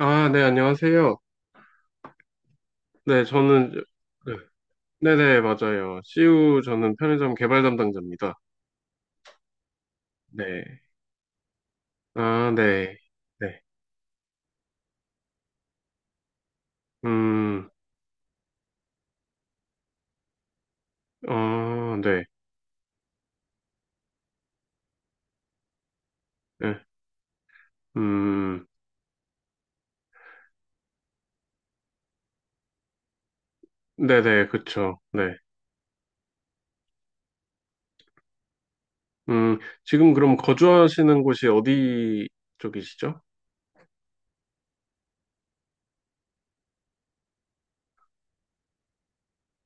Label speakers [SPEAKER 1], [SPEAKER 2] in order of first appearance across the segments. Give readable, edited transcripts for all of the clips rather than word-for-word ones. [SPEAKER 1] 아, 네, 안녕하세요. 네, 저는, 네, 네네, 맞아요. CU 저는 편의점 개발 담당자입니다. 네. 아, 네. 네. 음. 아, 네. 네. 음, 네네, 그쵸. 네. 음, 지금 그럼 거주하시는 곳이 어디 쪽이시죠?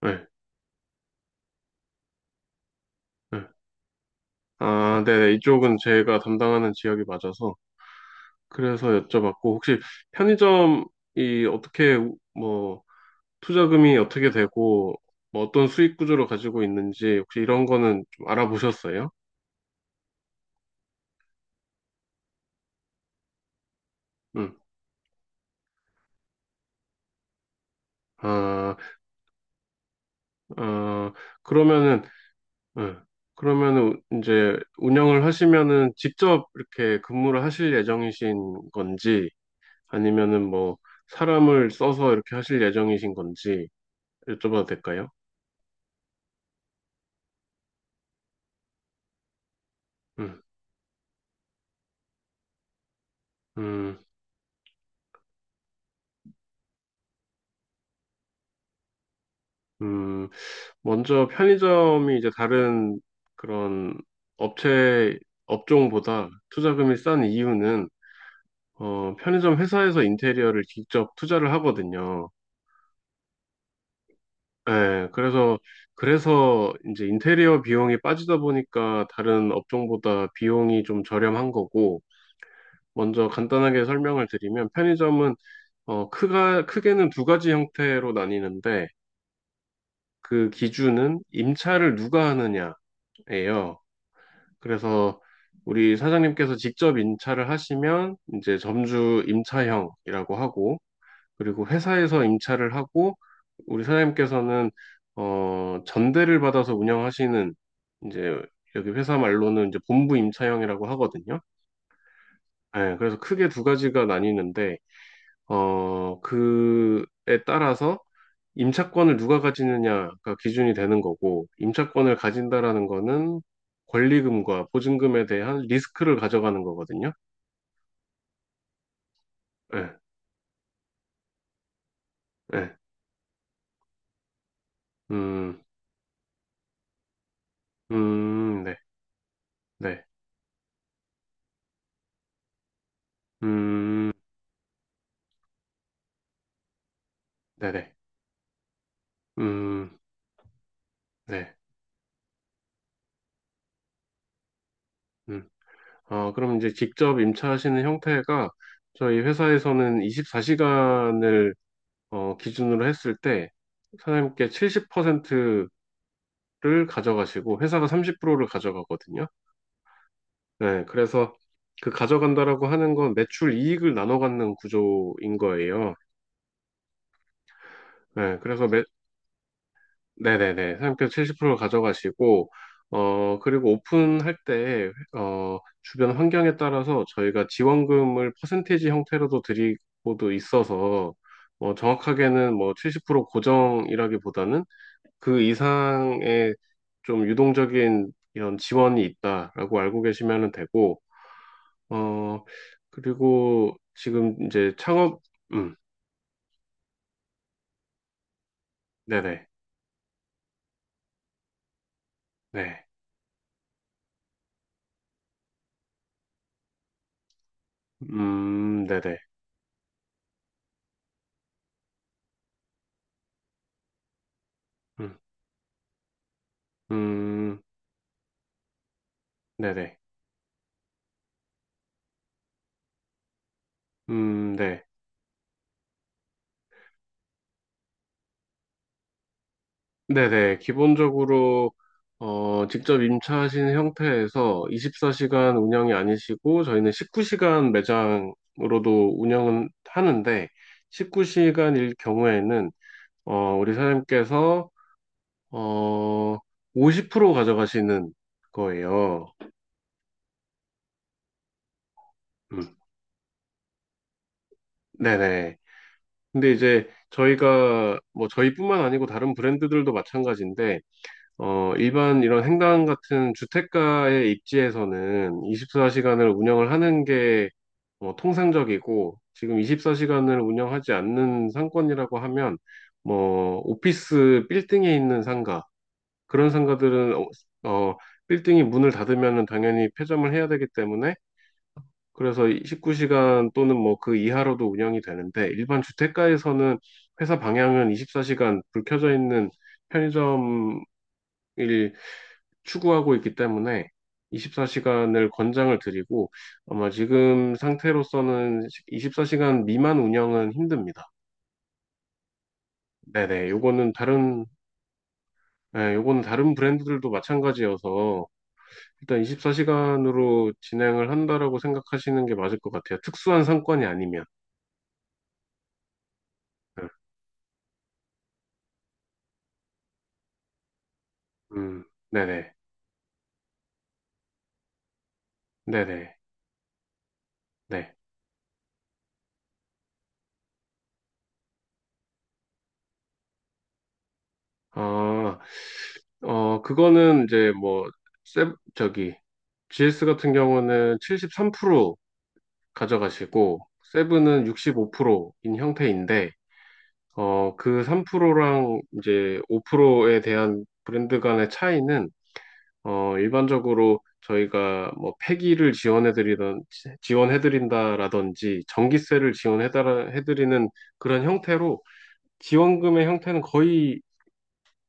[SPEAKER 1] 네. 네. 아, 네네. 이쪽은 제가 담당하는 지역이 맞아서. 그래서 여쭤봤고, 혹시 편의점이 어떻게, 뭐, 투자금이 어떻게 되고 뭐 어떤 수익 구조를 가지고 있는지 혹시 이런 거는 좀 알아보셨어요? 음. 아, 아, 그러면은. 음, 그러면은 이제 운영을 하시면은 직접 이렇게 근무를 하실 예정이신 건지 아니면은 뭐 사람을 써서 이렇게 하실 예정이신 건지 여쭤봐도 될까요? 음. 음. 음, 먼저 편의점이 이제 다른 그런 업체 업종보다 투자금이 싼 이유는 편의점 회사에서 인테리어를 직접 투자를 하거든요. 예, 그래서 이제 인테리어 비용이 빠지다 보니까 다른 업종보다 비용이 좀 저렴한 거고, 먼저 간단하게 설명을 드리면 편의점은, 크게는 두 가지 형태로 나뉘는데, 그 기준은 임차를 누가 하느냐예요. 그래서 우리 사장님께서 직접 임차를 하시면 이제 점주 임차형이라고 하고, 그리고 회사에서 임차를 하고 우리 사장님께서는 전대를 받아서 운영하시는 이제 여기 회사 말로는 이제 본부 임차형이라고 하거든요. 네, 그래서 크게 두 가지가 나뉘는데 그에 따라서 임차권을 누가 가지느냐가 기준이 되는 거고 임차권을 가진다라는 거는 권리금과 보증금에 대한 리스크를 가져가는 거거든요. 네, 네. 음. 음. 네. 네. 음. 네네. 음. 네. 음. 아, 그럼 이제 직접 임차하시는 형태가 저희 회사에서는 24시간을 기준으로 했을 때 사장님께 70%를 가져가시고 회사가 30%를 가져가거든요. 네. 그래서 그 가져간다라고 하는 건 매출 이익을 나눠 갖는 구조인 거예요. 네. 그래서 네네네. 상표 70% 가져가시고, 그리고 오픈할 때, 주변 환경에 따라서 저희가 지원금을 퍼센테이지 형태로도 드리고도 있어서, 정확하게는 뭐 70% 고정이라기보다는 그 이상의 좀 유동적인 이런 지원이 있다라고 알고 계시면 되고, 어, 그리고 지금 이제 창업, 음, 네네, 네, 네네, 음, 음, 네네. 네. 네네. 기본적으로, 직접 임차하신 형태에서 24시간 운영이 아니시고, 저희는 19시간 매장으로도 운영은 하는데, 19시간일 경우에는, 우리 사장님께서, 어, 50% 가져가시는 거예요. 음, 네네. 근데 이제 저희가, 뭐, 저희뿐만 아니고 다른 브랜드들도 마찬가지인데, 일반 이런 행당 같은 주택가의 입지에서는 24시간을 운영을 하는 게 뭐 통상적이고 지금 24시간을 운영하지 않는 상권이라고 하면 뭐 오피스 빌딩에 있는 상가 그런 상가들은 어, 빌딩이 문을 닫으면은 당연히 폐점을 해야 되기 때문에 그래서 19시간 또는 뭐 그 이하로도 운영이 되는데 일반 주택가에서는 회사 방향은 24시간 불 켜져 있는 편의점일 추구하고 있기 때문에 24시간을 권장을 드리고 아마 지금 상태로서는 24시간 미만 운영은 힘듭니다. 네네, 네, 요거는 다른 브랜드들도 마찬가지여서 일단 24시간으로 진행을 한다라고 생각하시는 게 맞을 것 같아요. 특수한 상권이 아니면. 음. 음. 네네. 네네. 네. 아, 그거는 이제 뭐, 세, 저기, GS 같은 경우는 73% 가져가시고 세븐은 65%인 형태인데 그 3%랑 이제 5%에 대한 브랜드 간의 차이는 일반적으로 저희가 뭐 폐기를 지원해드리던 지원해드린다라든지 전기세를 지원해드리는 그런 형태로 지원금의 형태는 거의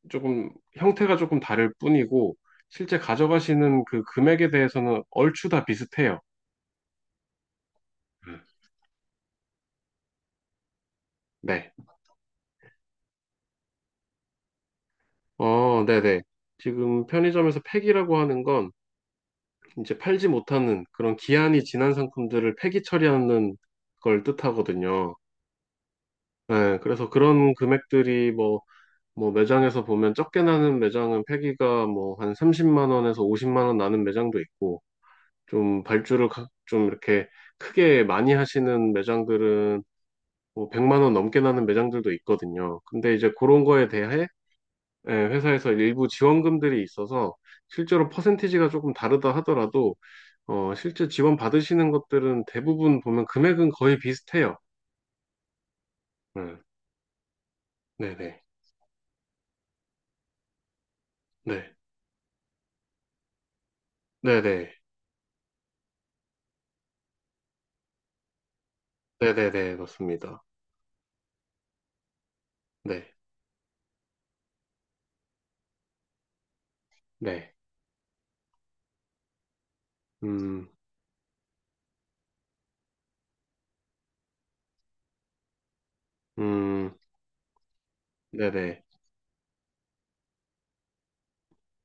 [SPEAKER 1] 조금 형태가 조금 다를 뿐이고 실제 가져가시는 그 금액에 대해서는 얼추 다 비슷해요. 음. 네. 어, 네네. 지금 편의점에서 폐기라고 하는 건 이제 팔지 못하는 그런 기한이 지난 상품들을 폐기 처리하는 걸 뜻하거든요. 네, 그래서 그런 금액들이 뭐 매장에서 보면 적게 나는 매장은 폐기가 뭐 한 30만 원에서 50만 원 나는 매장도 있고 좀 발주를 좀 이렇게 크게 많이 하시는 매장들은 뭐 100만 원 넘게 나는 매장들도 있거든요. 근데 이제 그런 거에 대해 예, 회사에서 일부 지원금들이 있어서 실제로 퍼센티지가 조금 다르다 하더라도 실제 지원 받으시는 것들은 대부분 보면 금액은 거의 비슷해요. 음, 네네, 네, 네네, 네네네, 맞습니다. 네. 네. 음. 음. 네네.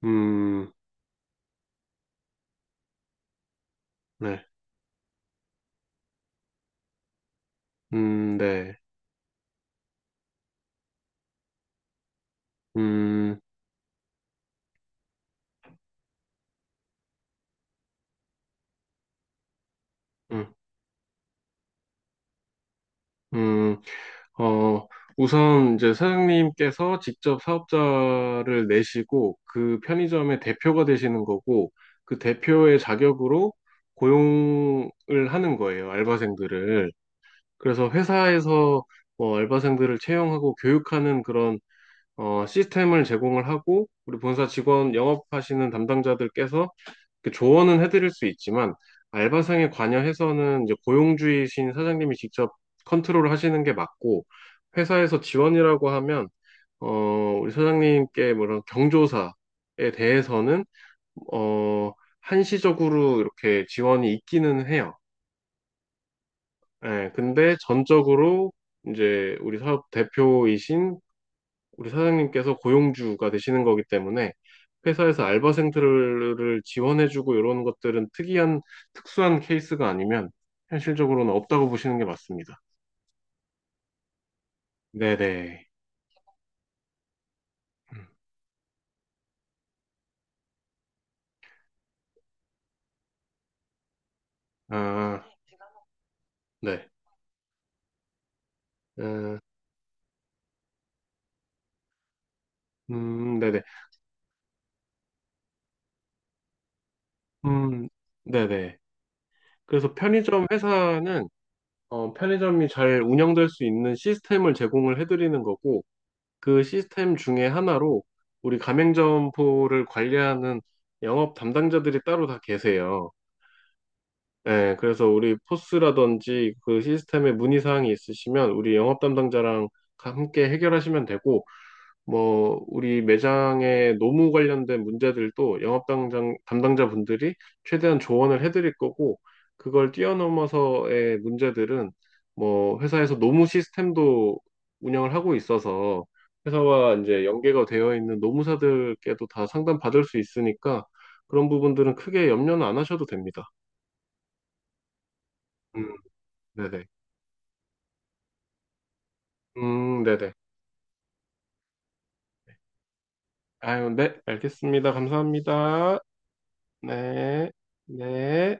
[SPEAKER 1] 음. 네. 음. 네. 음. 음. 음. 어, 우선 이제 사장님께서 직접 사업자를 내시고 그 편의점의 대표가 되시는 거고 그 대표의 자격으로 고용을 하는 거예요, 알바생들을. 그래서 회사에서 뭐 알바생들을 채용하고 교육하는 그런 시스템을 제공을 하고 우리 본사 직원 영업하시는 담당자들께서 그 조언은 해드릴 수 있지만 알바생에 관여해서는 이제 고용주의신 사장님이 직접 컨트롤을 하시는 게 맞고 회사에서 지원이라고 하면 어 우리 사장님께 뭐런 경조사에 대해서는 어 한시적으로 이렇게 지원이 있기는 해요. 예, 근데 전적으로 이제 우리 사업 대표이신 우리 사장님께서 고용주가 되시는 거기 때문에 회사에서 알바생들을 지원해주고 이런 것들은 특수한 케이스가 아니면 현실적으로는 없다고 보시는 게 맞습니다. 네네. 아, 네. 음. 음. 네네. 음. 네네. 그래서 편의점 회사는 편의점이 잘 운영될 수 있는 시스템을 제공을 해드리는 거고, 그 시스템 중에 하나로 우리 가맹점포를 관리하는 영업 담당자들이 따로 다 계세요. 네, 그래서 우리 포스라든지 그 시스템에 문의사항이 있으시면 우리 영업 담당자랑 함께 해결하시면 되고, 뭐, 우리 매장의 노무 관련된 문제들도 영업 담당자분들이 최대한 조언을 해드릴 거고, 그걸 뛰어넘어서의 문제들은 뭐, 회사에서 노무 시스템도 운영을 하고 있어서 회사와 이제 연계가 되어 있는 노무사들께도 다 상담 받을 수 있으니까 그런 부분들은 크게 염려는 안 하셔도 됩니다. 음, 네네. 네네. 아유, 네, 알겠습니다. 감사합니다. 네, 네.